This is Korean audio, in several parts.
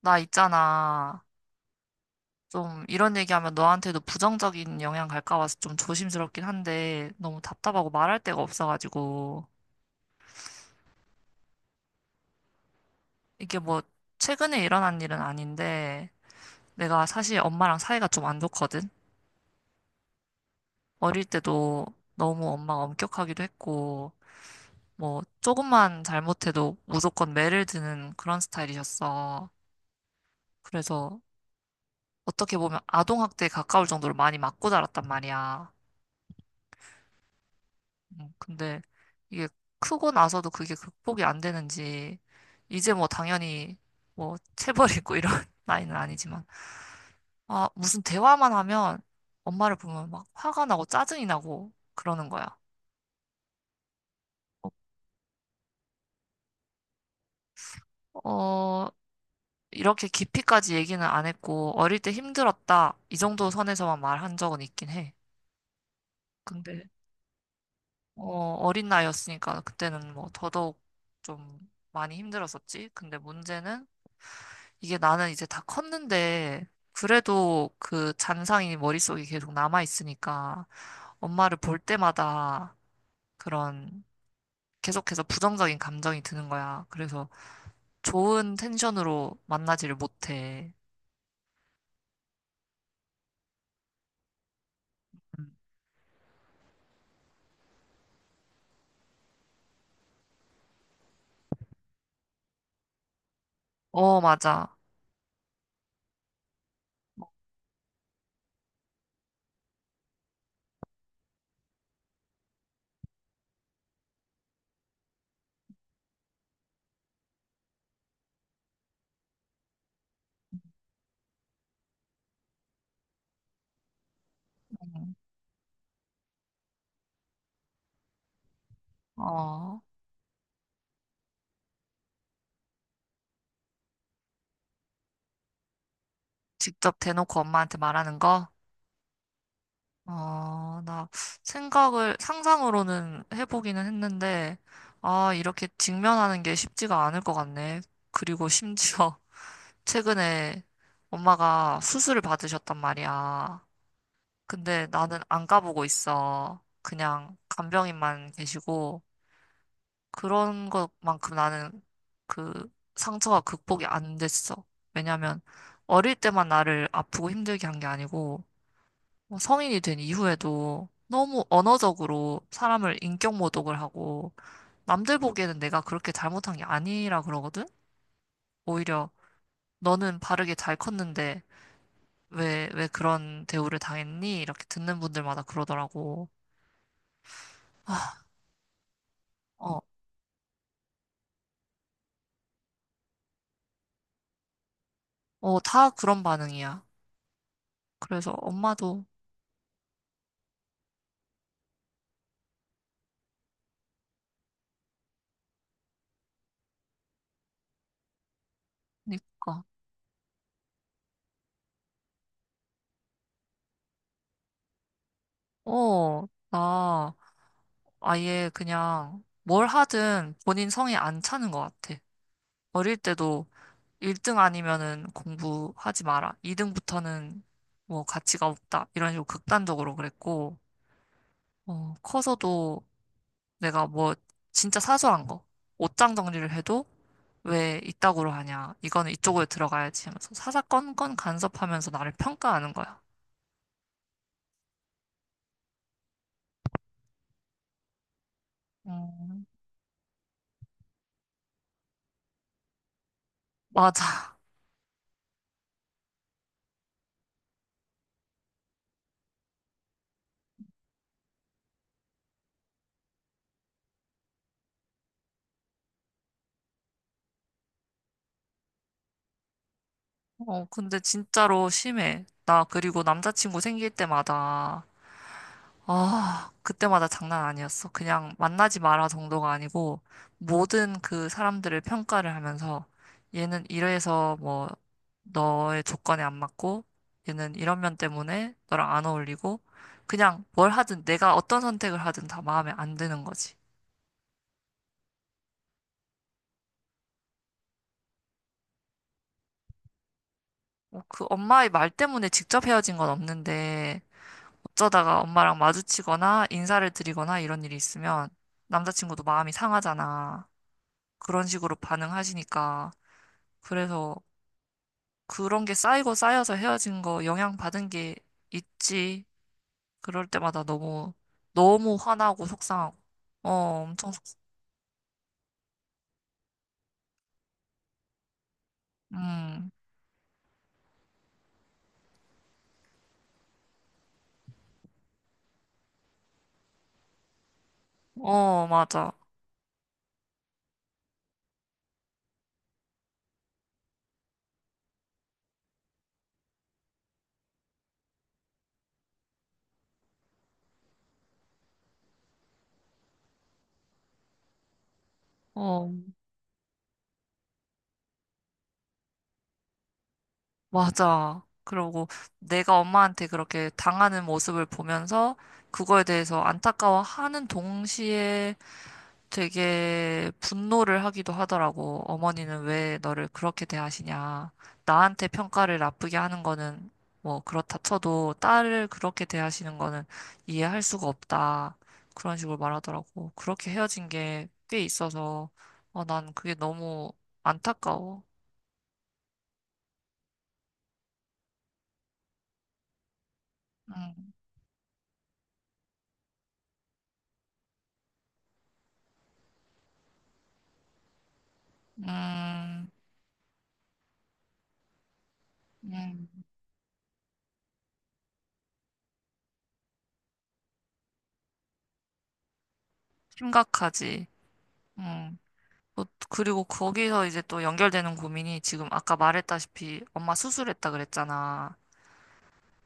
나 있잖아. 좀 이런 얘기하면 너한테도 부정적인 영향 갈까 봐서 좀 조심스럽긴 한데 너무 답답하고 말할 데가 없어가지고 이게 뭐 최근에 일어난 일은 아닌데 내가 사실 엄마랑 사이가 좀 안 좋거든. 어릴 때도 너무 엄마가 엄격하기도 했고 뭐 조금만 잘못해도 무조건 매를 드는 그런 스타일이셨어. 그래서 어떻게 보면 아동학대에 가까울 정도로 많이 맞고 자랐단 말이야. 근데 이게 크고 나서도 그게 극복이 안 되는지, 이제 뭐 당연히 뭐 체벌이고 이런 나이는 아니지만, 무슨 대화만 하면 엄마를 보면 막 화가 나고 짜증이 나고 그러는 거야. 어, 이렇게 깊이까지 얘기는 안 했고, 어릴 때 힘들었다. 이 정도 선에서만 말한 적은 있긴 해. 근데, 어, 어린 나이였으니까 그때는 뭐 더더욱 좀 많이 힘들었었지. 근데 문제는 이게 나는 이제 다 컸는데, 그래도 그 잔상이 머릿속에 계속 남아있으니까, 엄마를 볼 때마다 그런 계속해서 부정적인 감정이 드는 거야. 그래서 좋은 텐션으로 만나지를 못해. 음. 어, 맞아. 음. 어, 직접 대놓고 엄마한테 말하는 거? 어, 나 생각을, 상상으로는 해보기는 했는데, 아, 이렇게 직면하는 게 쉽지가 않을 것 같네. 그리고 심지어, 최근에 엄마가 수술을 받으셨단 말이야. 근데 나는 안 가보고 있어. 그냥 간병인만 계시고 그런 것만큼 나는 그 상처가 극복이 안 됐어. 왜냐면 어릴 때만 나를 아프고 힘들게 한 게 아니고 뭐 성인이 된 이후에도 너무 언어적으로 사람을 인격 모독을 하고 남들 보기에는 내가 그렇게 잘못한 게 아니라 그러거든? 오히려 너는 바르게 잘 컸는데 왜 그런 대우를 당했니? 이렇게 듣는 분들마다 그러더라고. 어, 어, 다 그런 반응이야. 그래서 엄마도, 그니까, 어, 나 아예 그냥 뭘 하든 본인 성에 안 차는 것 같아. 어릴 때도 1등 아니면은 공부하지 마라. 2등부터는 뭐 가치가 없다. 이런 식으로 극단적으로 그랬고, 커서도 내가 뭐 진짜 사소한 거 옷장 정리를 해도 왜 이따구로 하냐 이거는 이쪽으로 들어가야지 하면서 사사건건 간섭하면서 나를 평가하는 거야. 음, 맞아. 어, 근데 진짜로 심해. 나 그리고 남자친구 생길 때마다 그때마다 장난 아니었어. 그냥 만나지 마라 정도가 아니고 모든 그 사람들을 평가를 하면서 얘는 이래서 뭐 너의 조건에 안 맞고 얘는 이런 면 때문에 너랑 안 어울리고 그냥 뭘 하든 내가 어떤 선택을 하든 다 마음에 안 드는 거지. 뭐그 엄마의 말 때문에 직접 헤어진 건 없는데 어쩌다가 엄마랑 마주치거나 인사를 드리거나 이런 일이 있으면 남자친구도 마음이 상하잖아. 그런 식으로 반응하시니까 그래서 그런 게 쌓이고 쌓여서 헤어진 거 영향 받은 게 있지. 그럴 때마다 너무, 너무 화나고 속상하고. 어, 엄청 속상. 음, 어, 맞아. 어, 맞아. 그러고 내가 엄마한테 그렇게 당하는 모습을 보면서 그거에 대해서 안타까워하는 동시에 되게 분노를 하기도 하더라고. 어머니는 왜 너를 그렇게 대하시냐. 나한테 평가를 나쁘게 하는 거는 뭐 그렇다 쳐도 딸을 그렇게 대하시는 거는 이해할 수가 없다. 그런 식으로 말하더라고. 그렇게 헤어진 게 꽤 있어서 어, 난 그게 너무 안타까워. 음, 음, 음, 심각하지. 음. 또 그리고 거기서 이제 또 연결되는 고민이 지금 아까 말했다시피 엄마 수술했다 그랬잖아.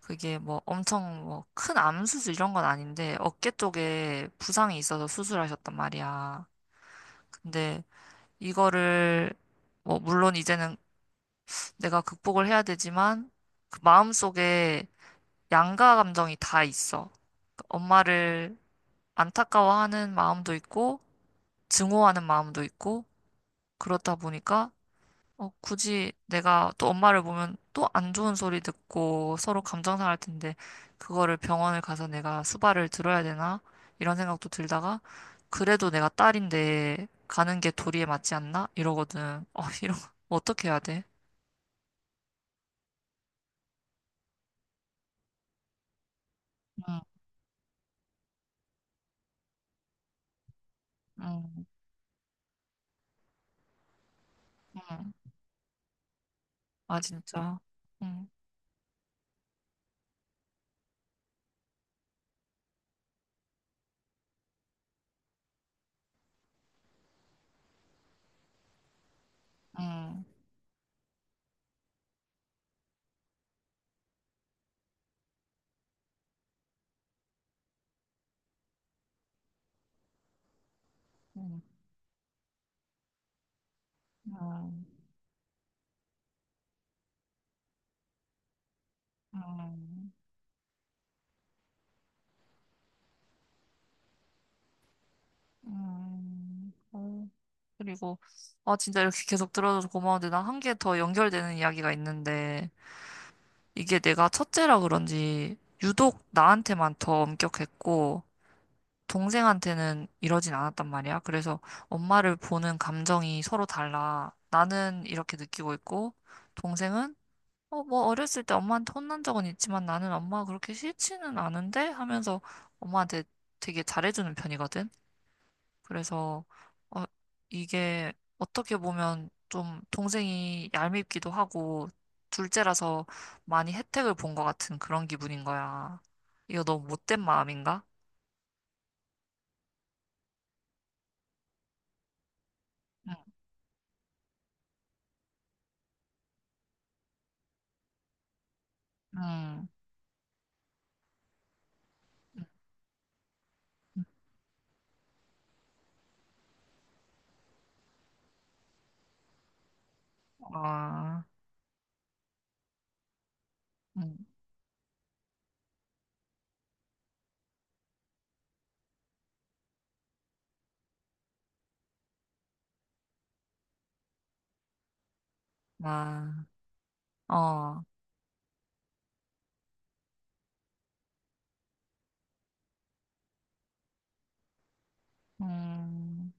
그게 뭐 엄청 뭐 큰 암수술 이런 건 아닌데 어깨 쪽에 부상이 있어서 수술하셨단 말이야. 근데 이거를 뭐 물론 이제는 내가 극복을 해야 되지만 그 마음속에 양가 감정이 다 있어. 그 엄마를 안타까워하는 마음도 있고 증오하는 마음도 있고 그렇다 보니까 굳이 내가 또 엄마를 보면 또 안 좋은 소리 듣고 서로 감정 상할 텐데 그거를 병원을 가서 내가 수발을 들어야 되나? 이런 생각도 들다가 그래도 내가 딸인데 가는 게 도리에 맞지 않나? 이러거든. 어, 이런 거 어떻게 해야 돼? 응, 응, 응. 아, 진짜. 응, 응, 응, 응, 응, 응. 그리고 아, 진짜 이렇게 계속 들어줘서 고마운데 나 한 개 더 연결되는 이야기가 있는데 이게 내가 첫째라 그런지 유독 나한테만 더 엄격했고 동생한테는 이러진 않았단 말이야. 그래서 엄마를 보는 감정이 서로 달라. 나는 이렇게 느끼고 있고 동생은 어, 뭐 어렸을 때 엄마한테 혼난 적은 있지만 나는 엄마가 그렇게 싫지는 않은데 하면서 엄마한테 되게 잘해주는 편이거든. 그래서 어, 이게 어떻게 보면 좀 동생이 얄밉기도 하고 둘째라서 많이 혜택을 본 것 같은 그런 기분인 거야. 이거 너무 못된 마음인가? 응, 응, 응. 응. 아, 응, 아, 어, 음,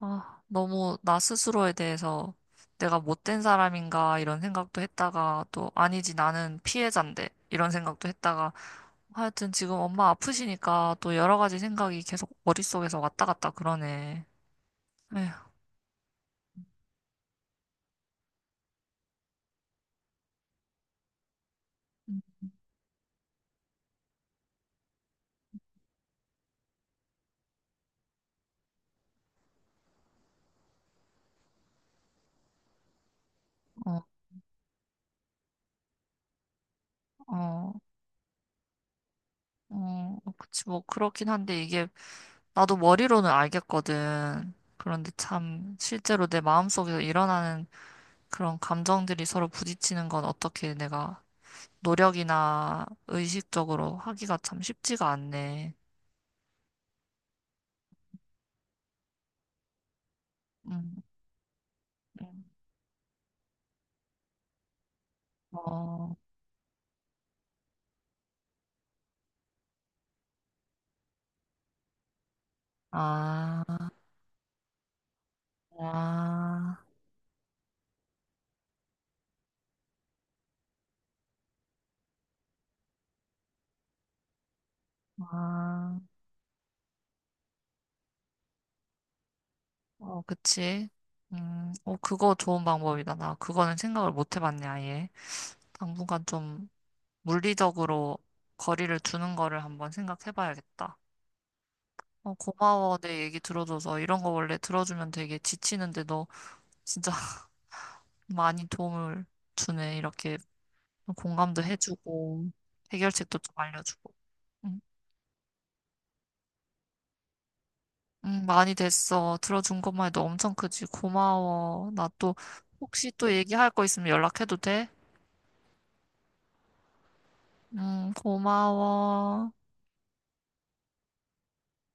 아, 너무 나 스스로에 대해서 내가 못된 사람인가 이런 생각도 했다가 또 아니지 나는 피해자인데 이런 생각도 했다가 하여튼 지금 엄마 아프시니까 또 여러 가지 생각이 계속 머릿속에서 왔다 갔다 그러네. 에휴, 음. 어, 어, 어, 그치, 뭐, 그렇긴 한데 이게 나도 머리로는 알겠거든. 그런데 참 실제로 내 마음속에서 일어나는 그런 감정들이 서로 부딪히는 건 어떻게 내가 노력이나 의식적으로 하기가 참 쉽지가 않네. 음, 음. 어, 아, 아, 아. 어, 그치. 어, 그거 좋은 방법이다. 나 그거는 생각을 못 해봤네, 아예. 당분간 좀 물리적으로 거리를 두는 거를 한번 생각해봐야겠다. 어, 고마워. 내 얘기 들어줘서. 이런 거 원래 들어주면 되게 지치는데 너 진짜 많이 도움을 주네. 이렇게 공감도 해주고, 해결책도 좀 알려주고. 응, 응, 많이 됐어. 들어준 것만 해도 엄청 크지. 고마워. 나 또 혹시 또 얘기할 거 있으면 연락해도 돼? 고마워.